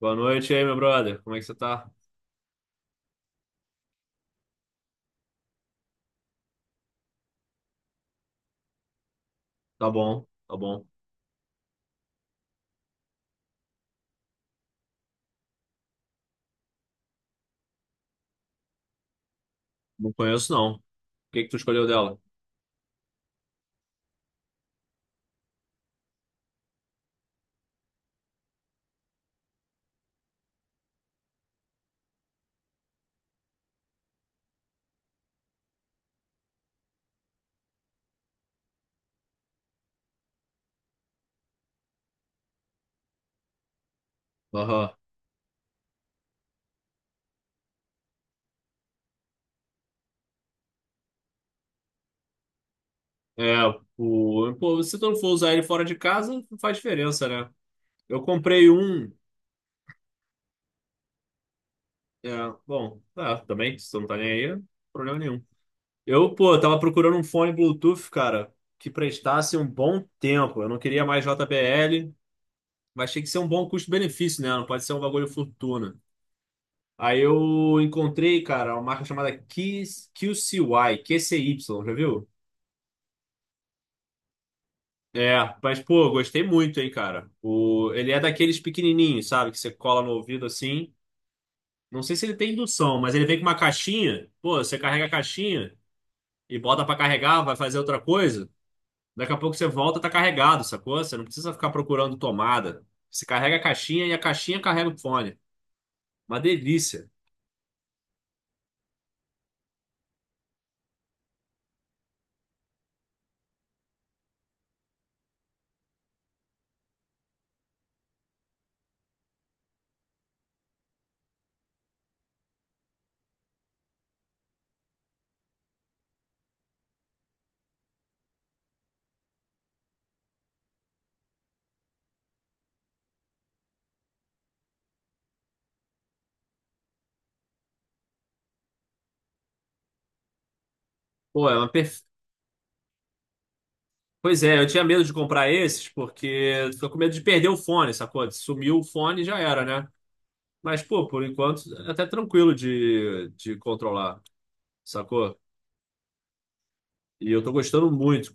Boa noite aí, meu brother. Como é que você tá? Tá bom, tá bom. Não conheço, não. O que que tu escolheu dela? Aham. É, o... Pô, se tu não for usar ele fora de casa, não faz diferença, né? Eu comprei um... É, bom, tá, também, se tu não tá nem aí, problema nenhum. Eu, pô, tava procurando um fone Bluetooth, cara, que prestasse um bom tempo. Eu não queria mais JBL, mas tinha que ser um bom custo-benefício, né? Não pode ser um bagulho fortuna. Aí eu encontrei, cara, uma marca chamada QCY QCY já viu? É, mas pô, gostei muito, hein, cara. Ele é daqueles pequenininhos, sabe? Que você cola no ouvido assim. Não sei se ele tem indução, mas ele vem com uma caixinha. Pô, você carrega a caixinha e bota pra carregar, vai fazer outra coisa. Daqui a pouco você volta, tá carregado, sacou? Você não precisa ficar procurando tomada. Você carrega a caixinha e a caixinha carrega o fone. Uma delícia. Pô, é uma per. Pois é, eu tinha medo de comprar esses porque tô com medo de perder o fone, sacou? Sumiu o fone, já era, né? Mas, pô, por enquanto é até tranquilo de controlar, sacou? E eu tô gostando muito.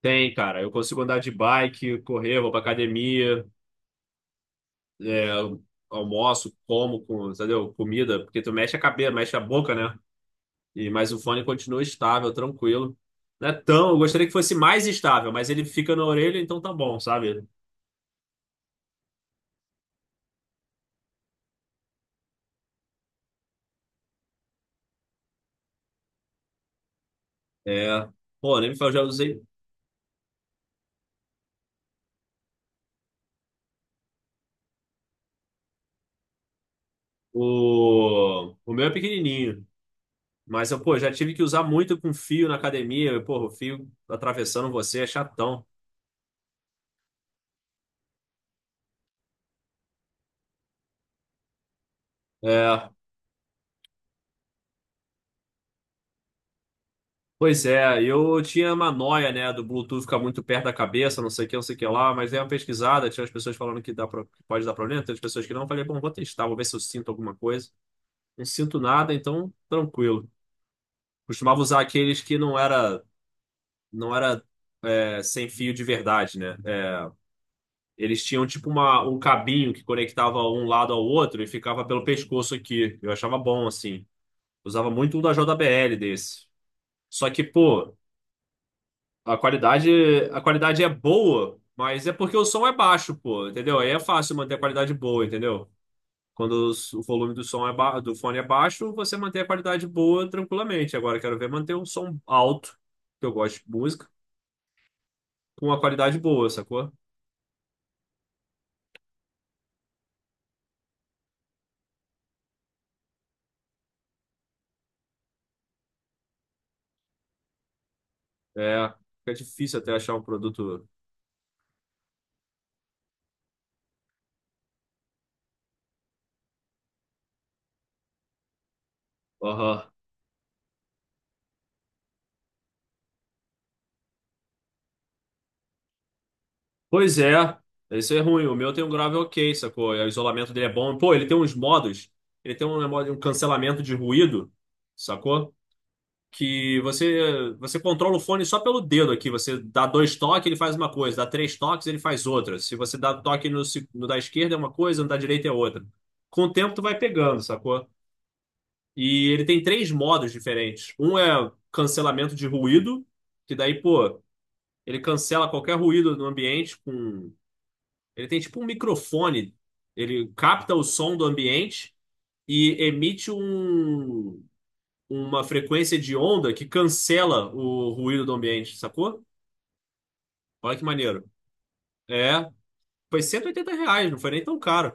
Tem, cara, eu consigo andar de bike, correr, vou pra academia, é, almoço, como, com, entendeu? Comida, porque tu mexe a cabeça, mexe a boca, né? E, mas o fone continua estável, tranquilo. Não é tão, eu gostaria que fosse mais estável, mas ele fica na orelha, então tá bom, sabe? É. Pô, nem me fala, já usei. O meu é pequenininho, mas eu, pô, já tive que usar muito com fio na academia, e, pô, o fio atravessando você é chatão. É, pois é, eu tinha uma noia, né, do Bluetooth ficar muito perto da cabeça, não sei o que, não sei o que lá, mas dei uma pesquisada, tinha as pessoas falando que dá que pode dar problema, tem as pessoas que não, eu falei, bom, vou testar, vou ver se eu sinto alguma coisa. Não sinto nada, então tranquilo. Costumava usar aqueles que não era, não era, sem fio de verdade, né? Eles tinham tipo um cabinho que conectava um lado ao outro e ficava pelo pescoço aqui. Eu achava bom, assim. Usava muito um da JBL desse. Só que, pô, a qualidade, a qualidade é boa, mas é porque o som é baixo, pô, entendeu? Aí é fácil manter a qualidade boa, entendeu? Quando o volume do som é do fone é baixo, você mantém a qualidade boa tranquilamente. Agora eu quero ver manter um som alto, que eu gosto de música, com uma qualidade boa, sacou? É, fica difícil até achar um produto. Aham. Pois é, isso é ruim. O meu tem um grave ok, sacou? O isolamento dele é bom. Pô, ele tem uns modos, ele tem um um cancelamento de ruído, sacou? Que você controla o fone só pelo dedo aqui. Você dá dois toques, ele faz uma coisa. Dá três toques, ele faz outra. Se você dá toque no, no da esquerda é uma coisa, no da direita é outra. Com o tempo tu vai pegando, sacou? E ele tem três modos diferentes. Um é cancelamento de ruído, que daí, pô, ele cancela qualquer ruído no ambiente com ele tem tipo um microfone. Ele capta o som do ambiente e emite um, uma frequência de onda que cancela o ruído do ambiente, sacou? Olha que maneiro. É, foi 180 reais, não foi nem tão caro.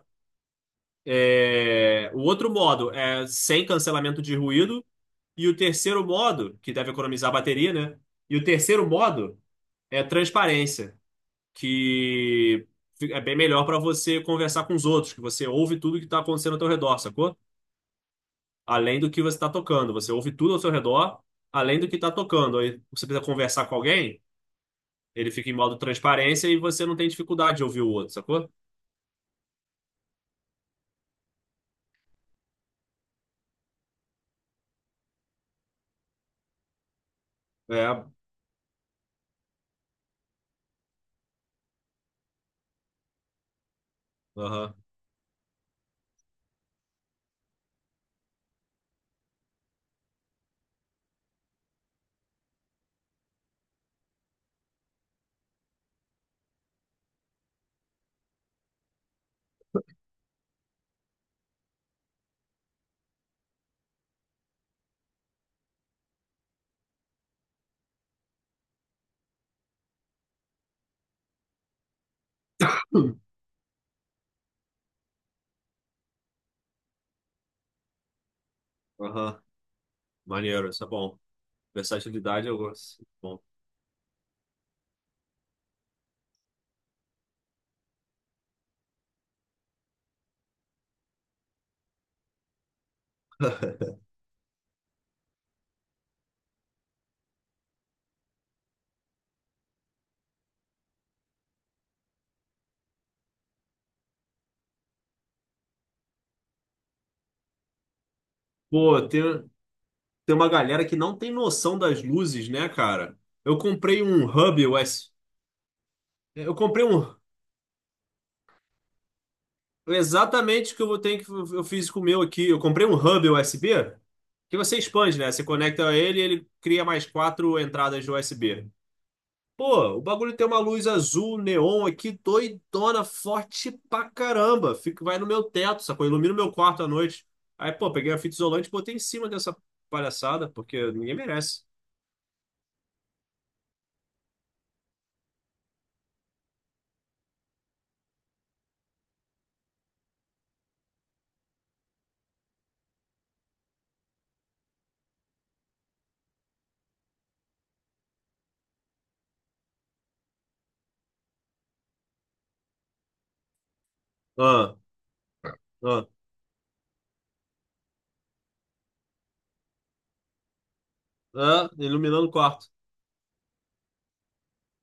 É, o outro modo é sem cancelamento de ruído. E o terceiro modo, que deve economizar a bateria, né? E o terceiro modo é transparência, que é bem melhor para você conversar com os outros, que você ouve tudo que está acontecendo ao teu redor, sacou? Além do que você está tocando. Você ouve tudo ao seu redor, além do que está tocando. Aí você precisa conversar com alguém, ele fica em modo transparência e você não tem dificuldade de ouvir o outro, sacou? É, aham, aham. Maneiro, isso é bom. Versatilidade eu gosto. Bom. Pô, tem, tem uma galera que não tem noção das luzes, né, cara? Eu comprei um hub USB. Eu comprei um. Exatamente o que eu vou ter que eu fiz com o meu aqui. Eu comprei um hub USB que você expande, né? Você conecta ele, e ele cria mais quatro entradas de USB. Pô, o bagulho tem uma luz azul neon aqui, doidona, forte pra caramba. Fica, vai no meu teto, sacou? Ilumina o meu quarto à noite. Aí, pô, peguei a fita isolante e botei em cima dessa palhaçada, porque ninguém merece. Ah, ah, ah, iluminando o quarto.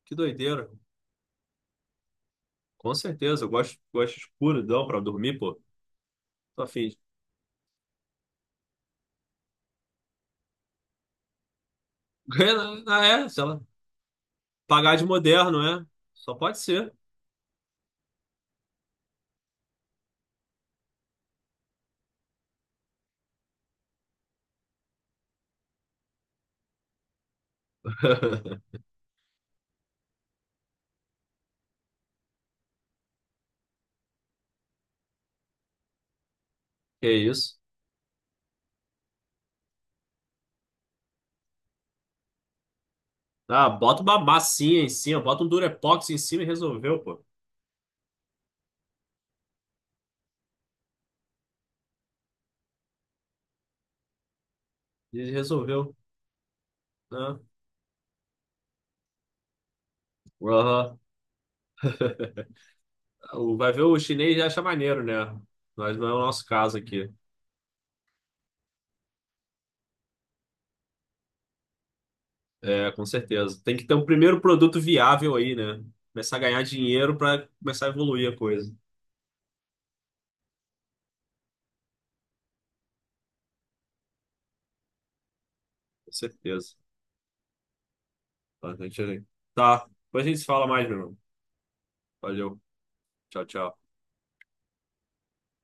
Que doideira. Com certeza, eu gosto, gosto escuridão pra dormir, pô. Tô afim. Ganha, ah, é, sei lá. Pagar de moderno, é? Só pode ser. Que isso? Ah, bota uma massinha em cima, bota um Durepox em cima e resolveu, pô. E resolveu, né? Aham. O- Vai ver o chinês já acha maneiro, né? Mas não é o nosso caso aqui. É, com certeza. Tem que ter um primeiro produto viável aí, né? Começar a ganhar dinheiro para começar a evoluir a coisa. Com certeza. Tá, a gente, tá. Depois a gente se fala mais, meu irmão. Valeu. Tchau, tchau.